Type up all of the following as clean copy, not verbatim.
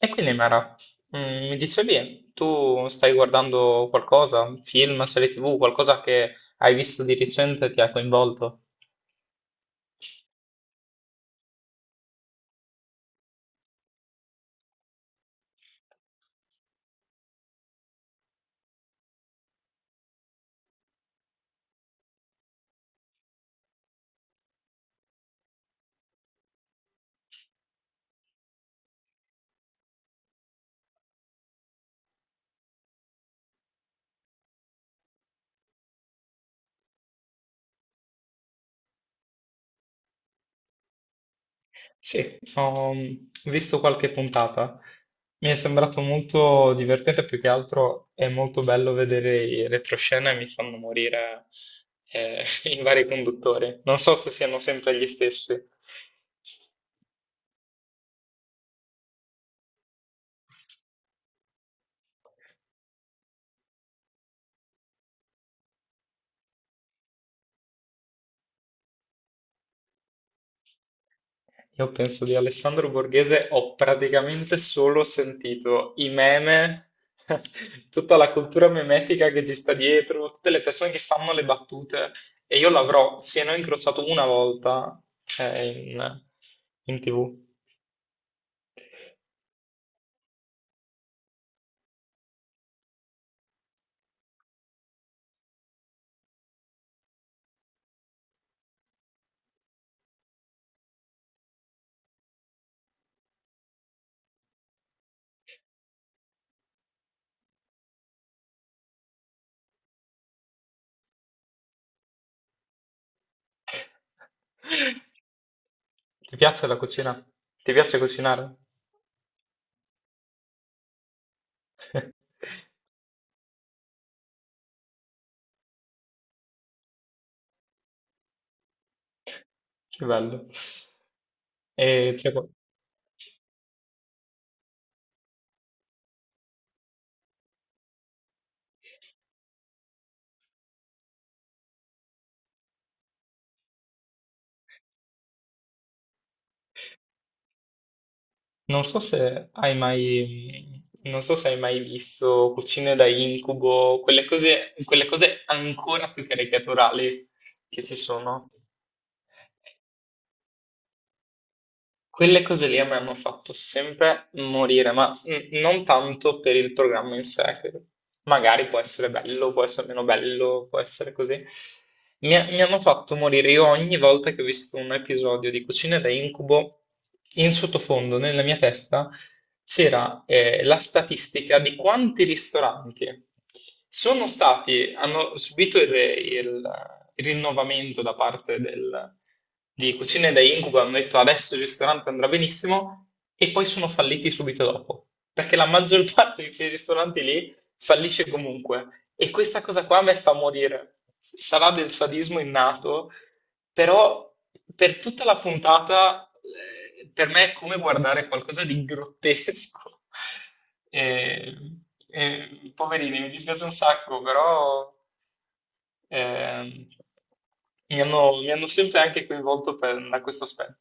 E quindi Mara, mi dicevi, tu stai guardando qualcosa, film, serie TV, qualcosa che hai visto di recente e ti ha coinvolto? Sì, ho visto qualche puntata. Mi è sembrato molto divertente, più che altro è molto bello vedere i retroscena e mi fanno morire i vari conduttori. Non so se siano sempre gli stessi. Io penso di Alessandro Borghese ho praticamente solo sentito i meme, tutta la cultura memetica che ci sta dietro, tutte le persone che fanno le battute e io l'avrò, se non incrociato una volta, eh, in, in TV. Ti piace la cucina? Ti piace cucinare? Che bello. E c'è qua- Non so se hai mai, non so se hai mai visto Cucine da incubo, quelle cose ancora più caricaturali che ci sono. Quelle cose lì a me hanno fatto sempre morire, ma non tanto per il programma in sé, che magari può essere bello, può essere meno bello, può essere così. Mi hanno fatto morire io ogni volta che ho visto un episodio di Cucina da Incubo, in sottofondo, nella mia testa, c'era la statistica di quanti ristoranti sono stati, hanno subito il rinnovamento da parte del di cucine da incubo, hanno detto adesso il ristorante andrà benissimo e poi sono falliti subito dopo, perché la maggior parte di quei ristoranti lì fallisce comunque e questa cosa qua a me fa morire. Sarà del sadismo innato, però per tutta la puntata per me è come guardare qualcosa di grottesco. E- e, poverini, mi dispiace un sacco, però Ehm, mi hanno sempre anche coinvolto da questo aspetto.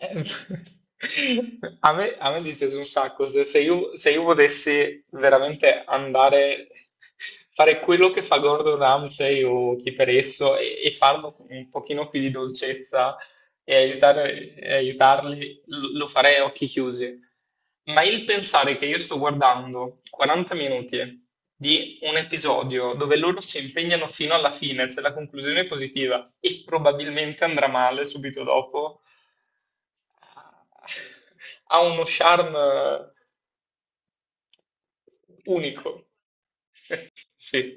Eh, a me dispiace un sacco, se io volessi veramente andare, fare quello che fa Gordon Ramsay o chi per esso e farlo con un pochino più di dolcezza e aiutarli lo farei a occhi chiusi. Ma il pensare che io sto guardando 40 minuti di un episodio dove loro si impegnano fino alla fine, se la conclusione è positiva e probabilmente andrà male subito dopo, ha uno charme unico. Sì.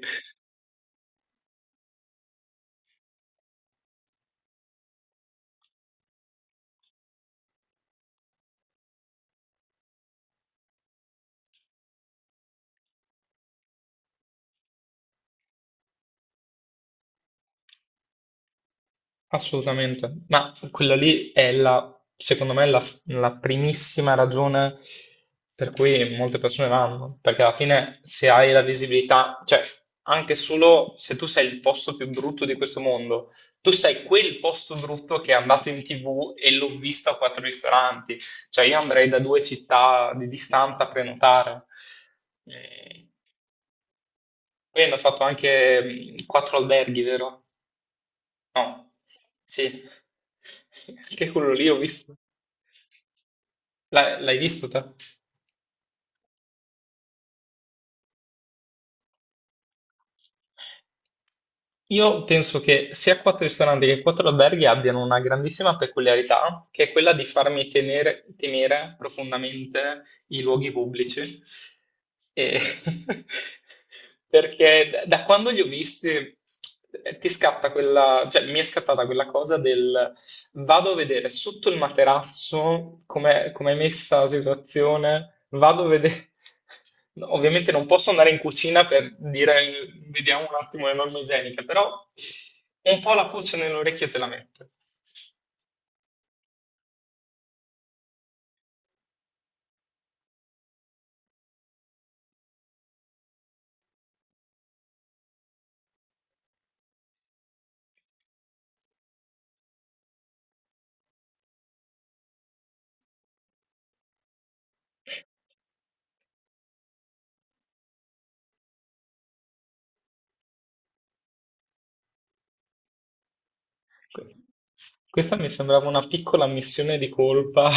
Assolutamente, ma quella lì è secondo me, la primissima ragione per cui molte persone vanno, perché alla fine se hai la visibilità, cioè anche solo se tu sei il posto più brutto di questo mondo, tu sei quel posto brutto che è andato in TV e l'ho visto a quattro ristoranti, cioè io andrei da due città di distanza a prenotare. Eh, Poi hanno fatto anche quattro alberghi, vero? Sì, anche quello lì ho visto. L'hai visto te? Io penso che sia quattro ristoranti che quattro alberghi abbiano una grandissima peculiarità, che è quella di farmi temere profondamente i luoghi pubblici. E- perché da quando li ho visti ti scatta quella, cioè mi è scattata quella cosa del vado a vedere sotto il materasso com'è, com'è messa la situazione, vado a vedere... No, ovviamente non posso andare in cucina per dire vediamo un attimo le norme igieniche, però un po' la pulce nell'orecchio te la mette. Que- Questa mi sembrava una piccola ammissione di colpa.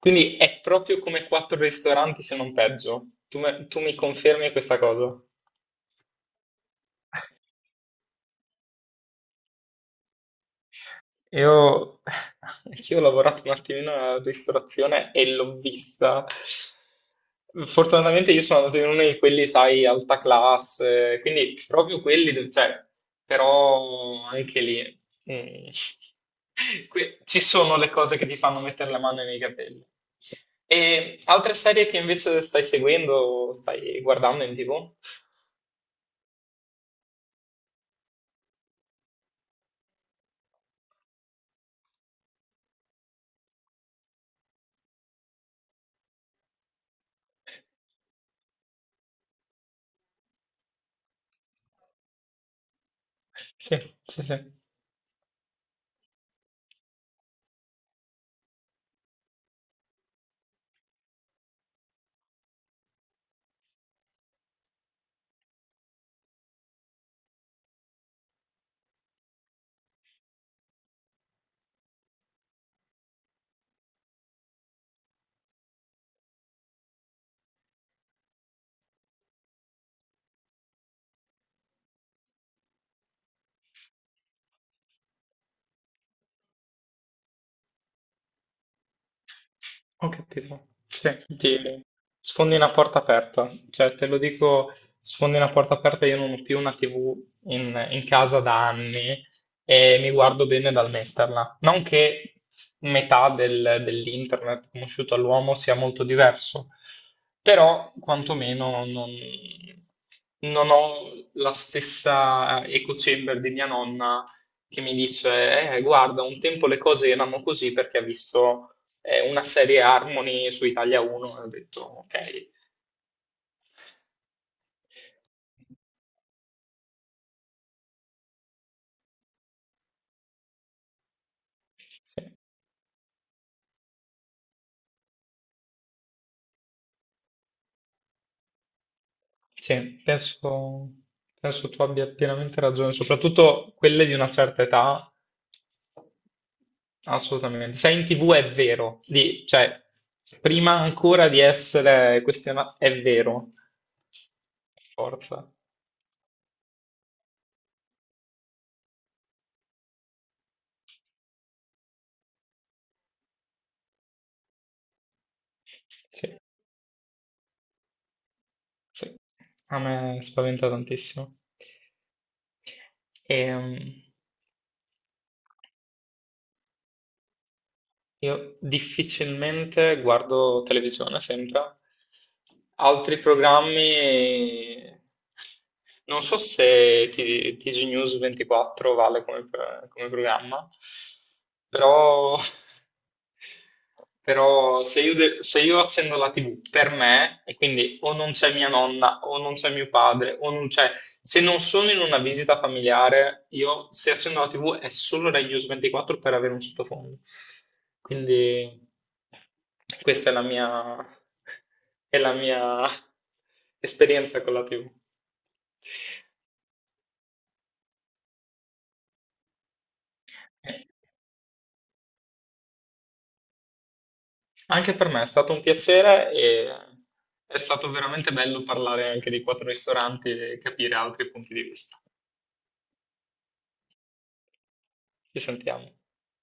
Quindi è proprio come quattro ristoranti, se non peggio. Tu mi confermi questa cosa? Io, anch'io ho lavorato un attimino alla ristorazione e l'ho vista. Fortunatamente io sono andato in uno di quelli, sai, alta classe, quindi proprio quelli, cioè, però anche lì mm, ci sono le cose che ti fanno mettere la mano nei capelli. E altre serie che invece stai seguendo, stai guardando in TV? Sì, sì. Ho capito. Cioè, ti sfondi una porta aperta. Cioè, te lo dico, sfondi una porta aperta, io non ho più una TV in casa da anni e mi guardo bene dal metterla. Non che dell'internet conosciuto all'uomo sia molto diverso, però quantomeno non, non ho la stessa eco chamber di mia nonna che mi dice, guarda, un tempo le cose erano così perché ha visto una serie Harmony su Italia 1 e ho detto ok. Sì, sì, penso, penso tu abbia pienamente ragione, soprattutto quelle di una certa età. Assolutamente. Sei in TV è vero, cioè, prima ancora di essere questionato, è vero, forza. Sì, sì. A me spaventa tantissimo. Ehm, Io difficilmente guardo televisione, sempre. Altri programmi... Non so se TG News 24 vale come, come programma, però Però se se io accendo la TV per me, e quindi o non c'è mia nonna, o non c'è mio padre, o non c'è... Se non sono in una visita familiare, io se accendo la TV è solo Rai News 24 per avere un sottofondo. Quindi questa è la mia esperienza con la TV. Anche per me è stato un piacere e è stato veramente bello parlare anche di quattro ristoranti e capire altri punti di vista. Ci sentiamo.